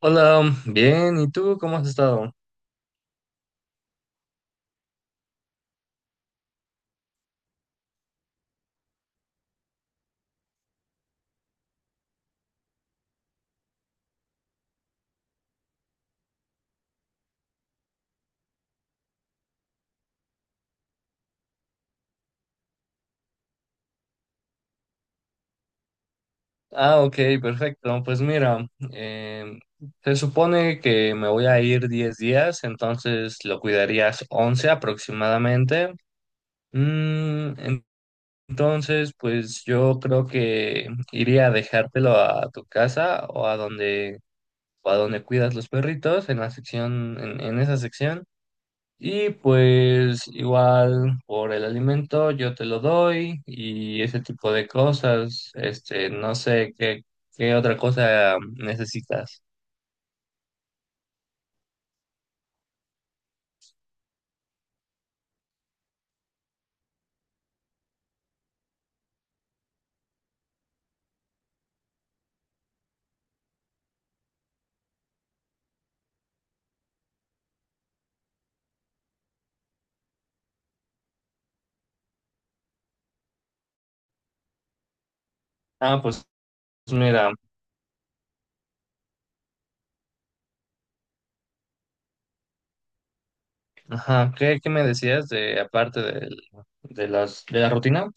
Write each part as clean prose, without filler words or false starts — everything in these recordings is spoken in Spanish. Hola, bien, ¿y tú cómo has estado? Ah, ok, perfecto. Pues mira, em, se supone que me voy a ir 10 días, entonces lo cuidarías 11 aproximadamente. Mm, en- entonces, pues yo creo que iría a dejártelo a tu casa o a donde cuidas los perritos, en la sección, en esa sección. Y pues igual por el alimento yo te lo doy y ese tipo de cosas. Este, no sé qué otra cosa necesitas. Ah, pues mira, ajá, ¿qué me decías de aparte de la rutina?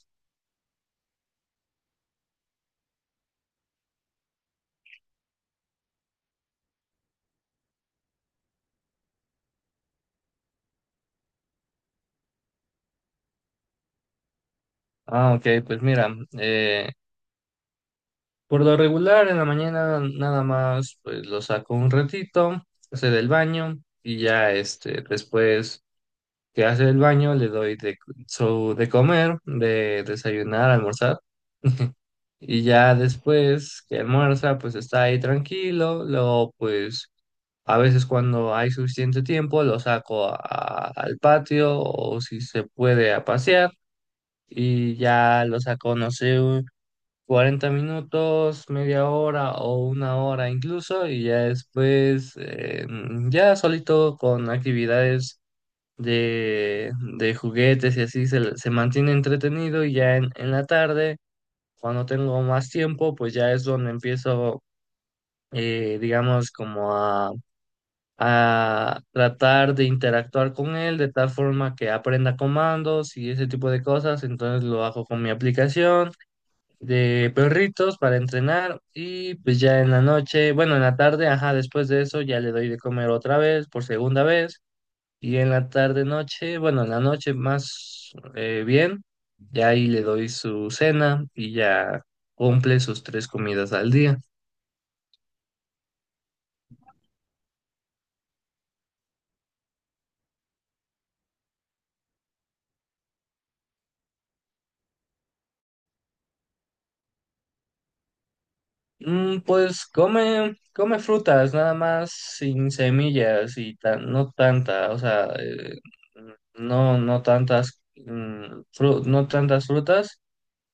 Ah, ok, pues mira, eh, por lo regular en la mañana nada más pues lo saco un ratito, hace del baño y ya este después que hace el baño, le doy de, su, de comer, de desayunar, almorzar, y ya después que almuerza, pues está ahí tranquilo, luego pues a veces cuando hay suficiente tiempo lo saco al patio o si se puede a pasear y ya lo saco, no sé, un 40 minutos, media hora o 1 hora incluso y ya después ya solito con actividades de, de juguetes y así se mantiene entretenido y ya en la tarde, cuando tengo más tiempo, pues ya es donde empiezo, digamos, como a tratar de interactuar con él de tal forma que aprenda comandos y ese tipo de cosas. Entonces lo hago con mi aplicación de perritos para entrenar y pues ya en la noche, bueno, en la tarde, ajá, después de eso ya le doy de comer otra vez, por segunda vez. Y en la tarde noche, bueno, en la noche más bien, ya ahí le doy su cena y ya cumple sus tres comidas al día. Pues come frutas, nada más sin semillas y no tanta, o sea, no, no tantas, no tantas frutas,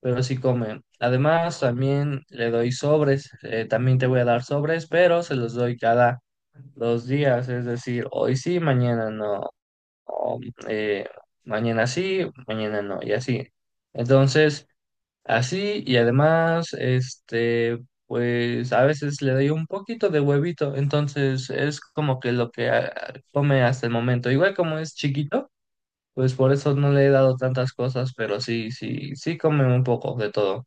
pero sí come. Además, también le doy sobres, también te voy a dar sobres, pero se los doy cada los días, es decir, hoy sí, mañana no, o, eh, mañana sí, mañana no, y así. Entonces, así y además, este, pues a veces le doy un poquito de huevito, entonces es como que lo que come hasta el momento. Igual como es chiquito, pues por eso no le he dado tantas cosas, pero sí, sí, sí come un poco de todo.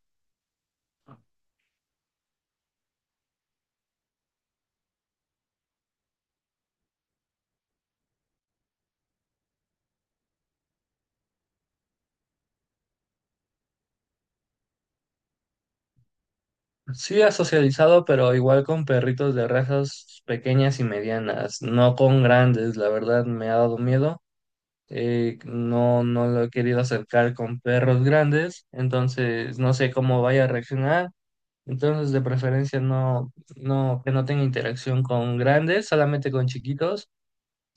Sí ha socializado, pero igual con perritos de razas pequeñas y medianas, no con grandes, la verdad me ha dado miedo. No, no lo he querido acercar con perros grandes, entonces no sé cómo vaya a reaccionar. Entonces, de preferencia no, no, que no tenga interacción con grandes, solamente con chiquitos.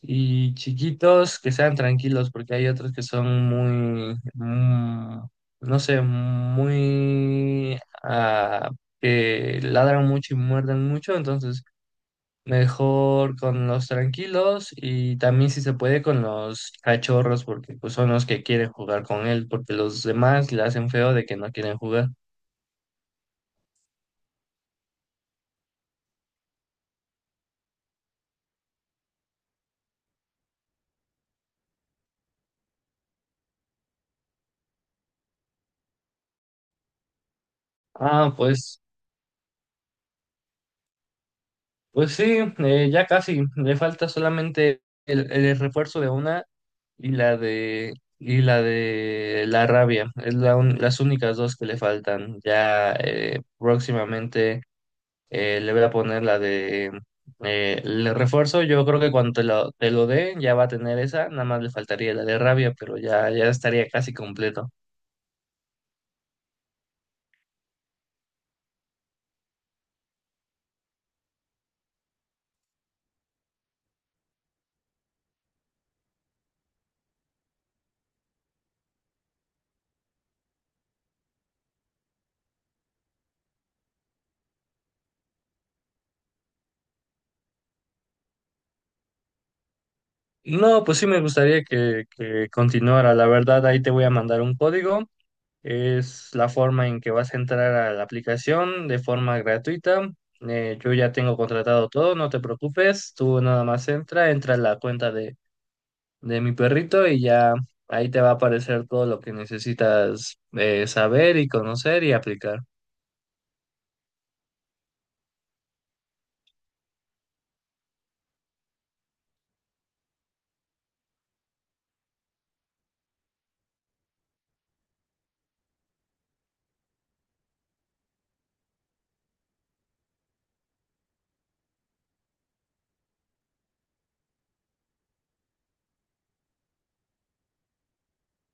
Y chiquitos que sean tranquilos, porque hay otros que son muy, no sé, muy, ah, que ladran mucho y muerden mucho, entonces mejor con los tranquilos y también si se puede con los cachorros, porque pues son los que quieren jugar con él, porque los demás le hacen feo de que no quieren jugar. Ah, pues sí, ya casi. Le falta solamente el refuerzo de una y la de la rabia. Es las únicas dos que le faltan. Ya próximamente le voy a poner la de el refuerzo. Yo creo que cuando te lo dé ya va a tener esa. Nada más le faltaría la de rabia, pero ya estaría casi completo. No, pues sí me gustaría que continuara. La verdad, ahí te voy a mandar un código. Es la forma en que vas a entrar a la aplicación de forma gratuita. Yo ya tengo contratado todo, no te preocupes. Tú nada más entra a la cuenta de mi perrito y ya ahí te va a aparecer todo lo que necesitas saber y conocer y aplicar.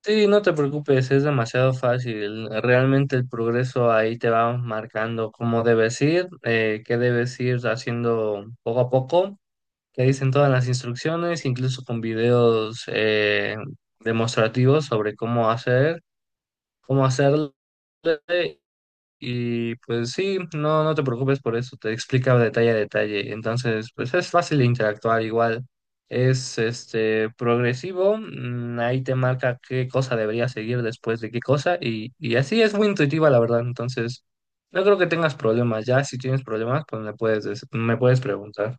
Sí, no te preocupes, es demasiado fácil. Realmente el progreso ahí te va marcando cómo debes ir, qué debes ir haciendo poco a poco que dicen todas las instrucciones, incluso con videos demostrativos sobre cómo hacerlo. Y pues sí, no, no te preocupes por eso, te explica detalle a detalle. Entonces, pues es fácil de interactuar igual. Es este progresivo, ahí te marca qué cosa debería seguir después de qué cosa, y así es muy intuitiva, la verdad. Entonces, no creo que tengas problemas. Ya si tienes problemas, pues me puedes preguntar.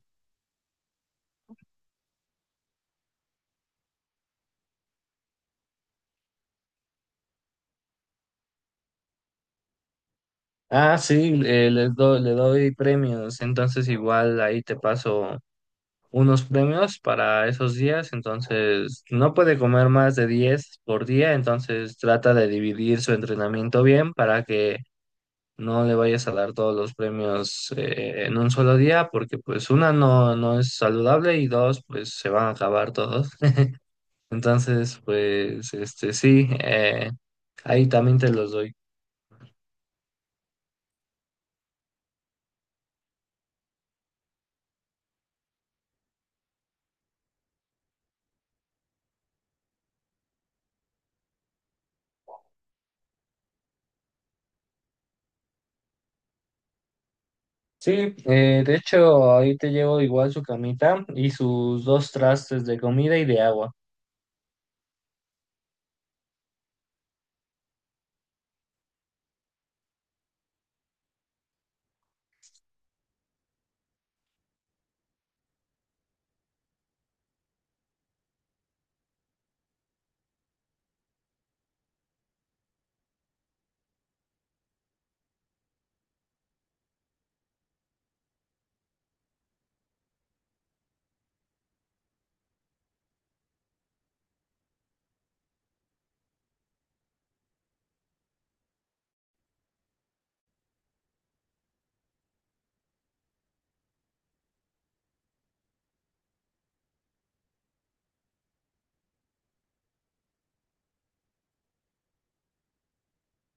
Ah, sí, le doy premios, entonces igual ahí te paso unos premios para esos días, entonces no puede comer más de 10 por día, entonces trata de dividir su entrenamiento bien para que no le vayas a dar todos los premios en un solo día, porque pues una no, no es saludable y dos pues se van a acabar todos. Entonces pues este sí, ahí también te los doy. Sí, de hecho, ahí te llevo igual su camita y sus dos trastes de comida y de agua.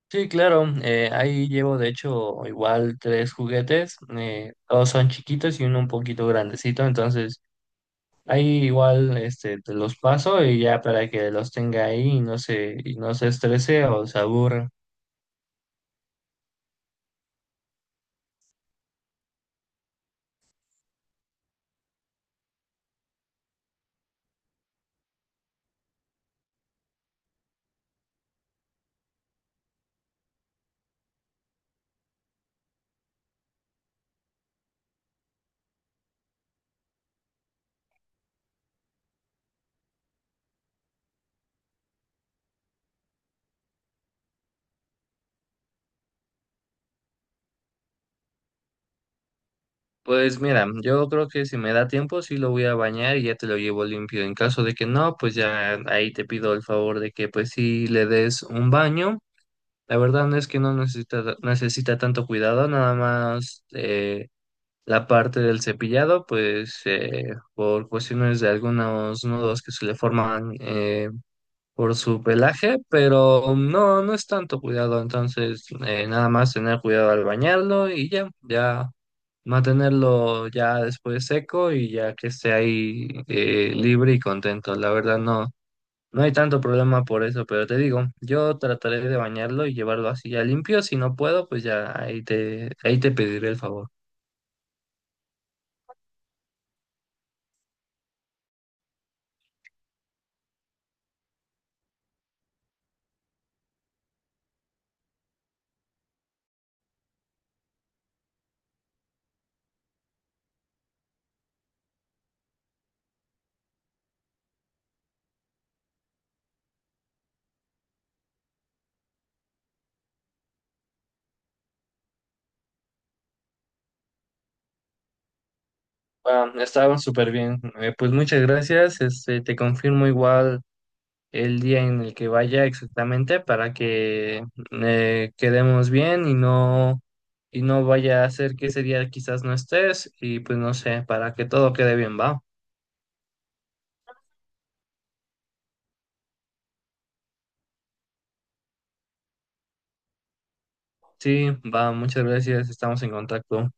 Sí, claro, ahí llevo de hecho igual tres juguetes, todos son chiquitos y uno un poquito grandecito, entonces ahí igual este, te los paso y ya para que los tenga ahí y no se estrese o se aburra. Pues mira, yo creo que si me da tiempo sí lo voy a bañar y ya te lo llevo limpio. En caso de que no, pues ya ahí te pido el favor de que pues sí le des un baño. La verdad no es que no necesita tanto cuidado, nada más la parte del cepillado, pues por cuestiones de algunos nudos que se le forman por su pelaje, pero no, no es tanto cuidado, entonces nada más tener cuidado al bañarlo y ya mantenerlo ya después seco y ya que esté ahí libre y contento. La verdad no. No hay tanto problema por eso, pero te digo, yo trataré de bañarlo y llevarlo así ya limpio. Si no puedo, pues ya ahí te pediré el favor. Bueno, estaba súper bien. Pues muchas gracias. Este, te confirmo igual el día en el que vaya exactamente para que quedemos bien y no vaya a ser que ese día quizás no estés y pues no sé, para que todo quede bien, ¿va? Sí, va, muchas gracias. Estamos en contacto.